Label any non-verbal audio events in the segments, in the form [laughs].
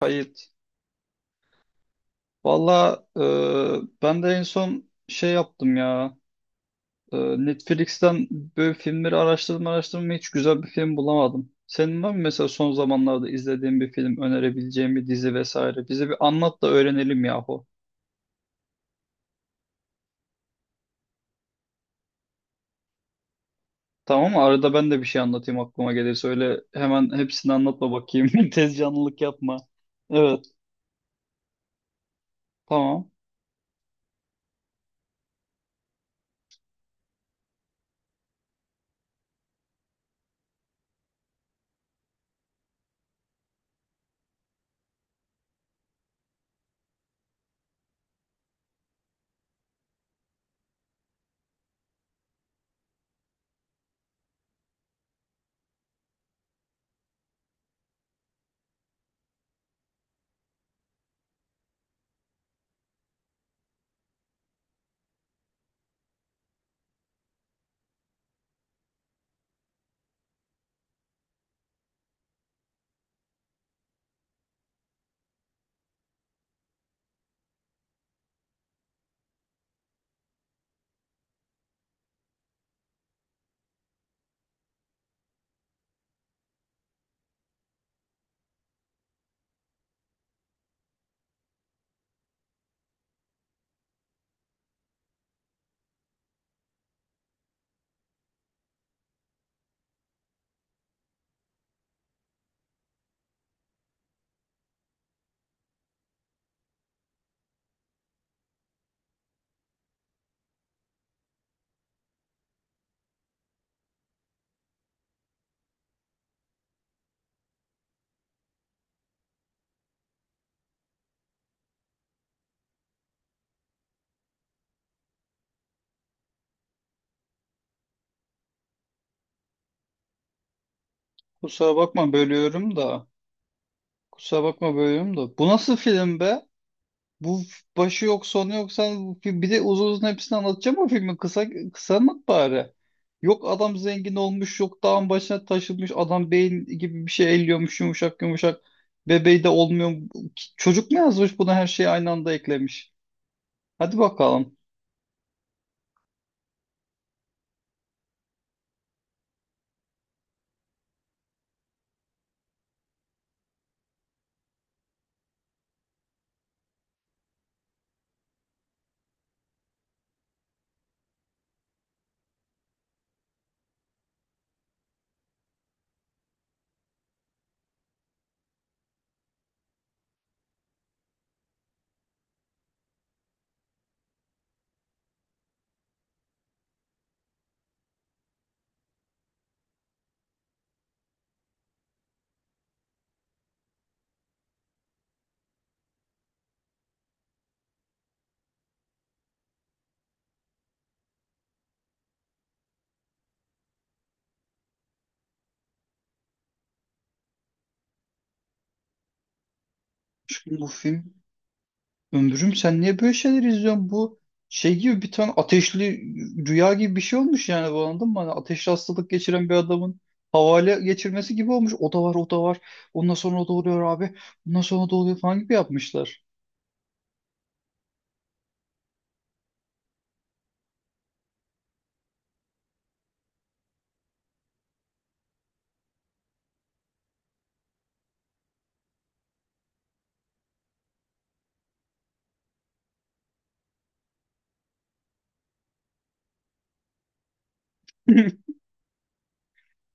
Kayıt. Valla ben de en son şey yaptım ya. E, Netflix'ten böyle filmleri araştırdım ve hiç güzel bir film bulamadım. Senin var mı mesela son zamanlarda izlediğin bir film, önerebileceğin bir dizi vesaire? Bize bir anlat da öğrenelim yahu. Tamam mı? Arada ben de bir şey anlatayım aklıma gelirse. Öyle hemen hepsini anlatma bakayım. [laughs] Tez canlılık yapma. Evet, tamam. Kusura bakma bölüyorum da. Kusura bakma bölüyorum da. Bu nasıl film be? Bu başı yok sonu yok sen bir de uzun uzun hepsini anlatacağım o filmi kısa kısa anlat bari. Yok adam zengin olmuş yok dağın başına taşınmış adam beyin gibi bir şey elliyormuş yumuşak yumuşak bebeği de olmuyor. Çocuk mu yazmış buna her şeyi aynı anda eklemiş. Hadi bakalım. Bu film ömrüm, sen niye böyle şeyler izliyorsun? Bu şey gibi bir tane ateşli rüya gibi bir şey olmuş yani bu, anladın mı? Hani ateşli hastalık geçiren bir adamın havale geçirmesi gibi olmuş. O da var, o da var. Ondan sonra o da oluyor abi. Ondan sonra o da oluyor falan gibi yapmışlar. [laughs]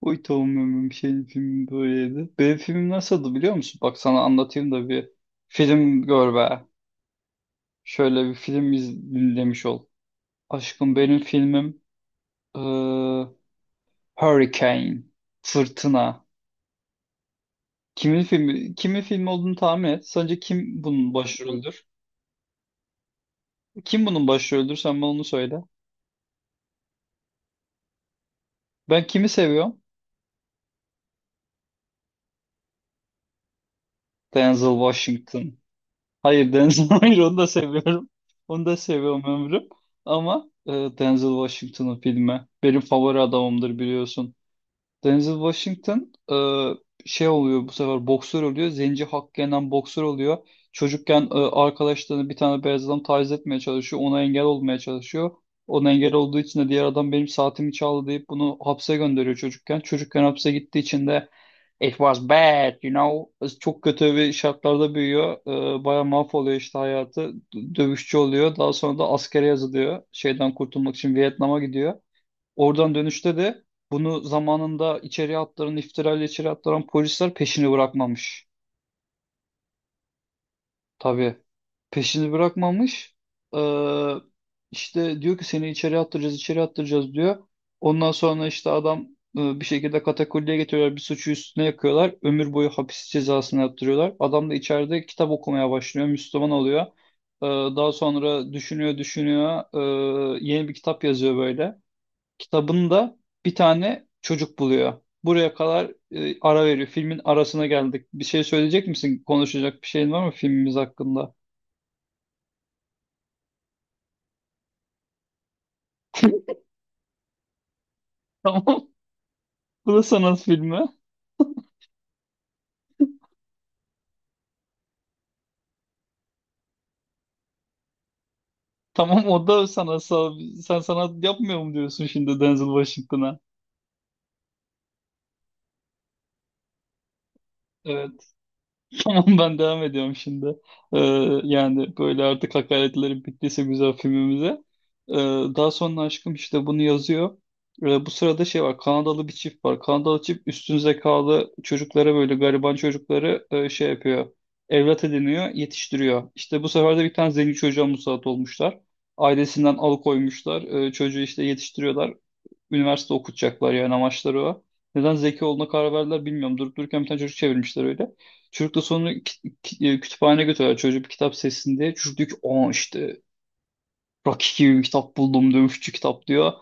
Oy tamam ömrüm, senin filmi böyleydi. Benim filmim nasıldı biliyor musun? Bak sana anlatayım da bir film gör be. Şöyle bir film iz dinlemiş ol. Aşkım benim filmim eee, Hurricane. Fırtına. Kimin filmi, kimin filmi olduğunu tahmin et. Sence kim bunun başrolüdür? Kim bunun başrolüdür? Sen bana onu söyle. Ben kimi seviyorum? Denzel Washington. Hayır Denzel, [laughs] hayır onu da seviyorum. Onu da seviyorum ömrüm. Ama Denzel Washington'ın filmi. Benim favori adamımdır biliyorsun. Denzel Washington şey oluyor, bu sefer boksör oluyor. Zenci hakkı yenen boksör oluyor. Çocukken arkadaşlarını bir tane beyaz adam taciz etmeye çalışıyor. Ona engel olmaya çalışıyor. Ona engel olduğu için de diğer adam benim saatimi çaldı deyip bunu hapse gönderiyor çocukken. Çocukken hapse gittiği için de it was bad you know. Çok kötü bir şartlarda büyüyor. Bayağı mahvoluyor işte hayatı. Dövüşçü oluyor. Daha sonra da askere yazılıyor. Şeyden kurtulmak için Vietnam'a gidiyor. Oradan dönüşte de bunu zamanında içeriye attıran, iftirayla içeri attıran polisler peşini bırakmamış. Tabii peşini bırakmamış. Ee, işte diyor ki seni içeri attıracağız, içeri attıracağız diyor. Ondan sonra işte adam bir şekilde katakulliye getiriyorlar, bir suçu üstüne yakıyorlar. Ömür boyu hapis cezasını yaptırıyorlar. Adam da içeride kitap okumaya başlıyor, Müslüman oluyor. Ee, daha sonra düşünüyor, düşünüyor. Yeni bir kitap yazıyor böyle. Kitabında bir tane çocuk buluyor. Buraya kadar, ara veriyor. Filmin arasına geldik. Bir şey söyleyecek misin? Konuşacak bir şeyin var mı filmimiz hakkında? [laughs] Tamam. Bu da sanat filmi. Tamam o da sanatsal. Sen sanat yapmıyor mu diyorsun şimdi Denzel Washington'a? Evet. [laughs] Tamam ben devam ediyorum şimdi. Ee, yani böyle artık hakaretlerim bittiyse güzel filmimize. Ee, daha sonra aşkım işte bunu yazıyor. Bu sırada şey var, Kanadalı bir çift var. Kanadalı çift üstün zekalı çocuklara böyle gariban çocukları şey yapıyor. Evlat ediniyor, yetiştiriyor. İşte bu sefer de bir tane zengin çocuğa musallat olmuşlar. Ailesinden alıkoymuşlar. Çocuğu işte yetiştiriyorlar. Üniversite okutacaklar, yani amaçları o. Neden zeki olduğuna karar verdiler bilmiyorum. Durup dururken bir tane çocuk çevirmişler öyle. Çocuk da sonra kütüphaneye götürüyorlar çocuğu bir kitap sessin diye. Çocuk diyor ki aa işte Rocky gibi bir kitap buldum, dövüşçü kitap diyor.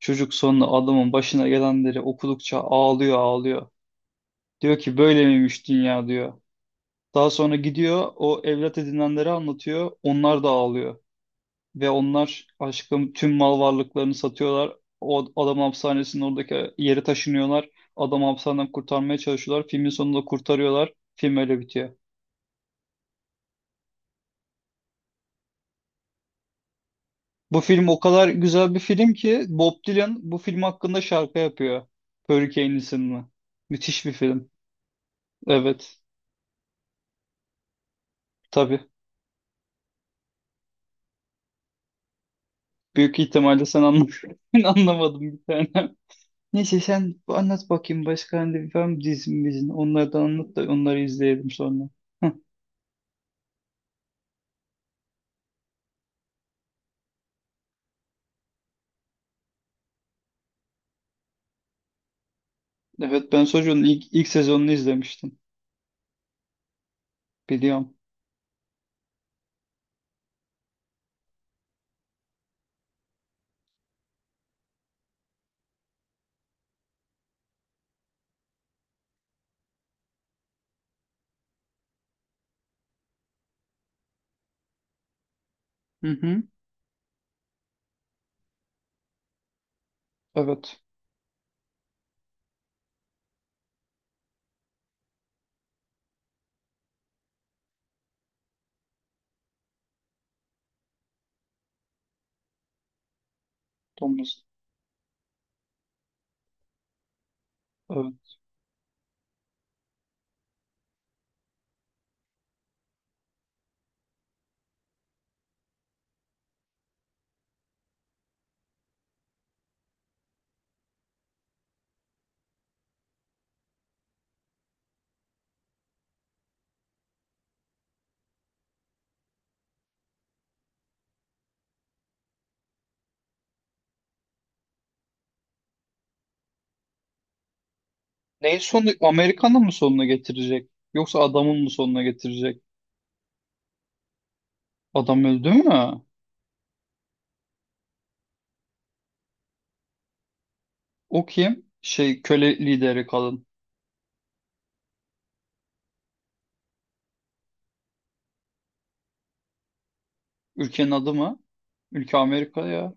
Çocuk sonra adamın başına gelenleri okudukça ağlıyor ağlıyor. Diyor ki böyle miymiş dünya diyor. Daha sonra gidiyor o evlat edinenleri anlatıyor. Onlar da ağlıyor. Ve onlar aşkım tüm mal varlıklarını satıyorlar. O adam hapishanesinin oradaki yeri taşınıyorlar. Adam hapishaneden kurtarmaya çalışıyorlar. Filmin sonunda kurtarıyorlar. Film öyle bitiyor. Bu film o kadar güzel bir film ki Bob Dylan bu film hakkında şarkı yapıyor. Hurricane isimli. Müthiş bir film. Evet. Tabii. Büyük ihtimalle sen anlamadın. [laughs] Ben anlamadım bir tane. Neyse sen anlat bakayım başka hani bir film dizimizin. Onlardan anlat da onları izleyelim sonra. Evet ben Sojourner'ın ilk sezonunu izlemiştim. Biliyorum. Hı hı. Evet. Thomas. Evet. Neyin sonu? Amerikan'ın mı sonuna getirecek? Yoksa adamın mı sonuna getirecek? Adam öldü mü? O kim? Şey köle lideri kadın. Ülkenin adı mı? Ülke Amerika ya.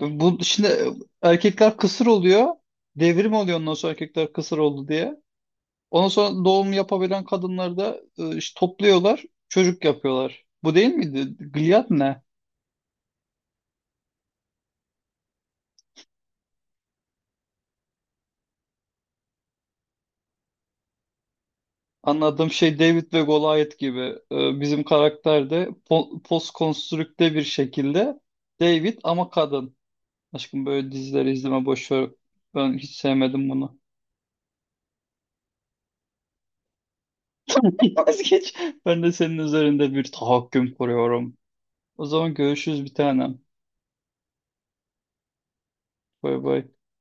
Şimdi erkekler kısır oluyor. Devrim oluyor ondan sonra erkekler kısır oldu diye. Ondan sonra doğum yapabilen kadınları da işte topluyorlar. Çocuk yapıyorlar. Bu değil miydi? Gilead ne? Anladığım şey David ve Goliath gibi. Bizim karakter de postkonstrükte bir şekilde David ama kadın. Aşkım böyle dizileri izleme boş ver. Ben hiç sevmedim bunu. [laughs] Vazgeç. Ben de senin üzerinde bir tahakküm kuruyorum. O zaman görüşürüz bir tanem. Bay bay.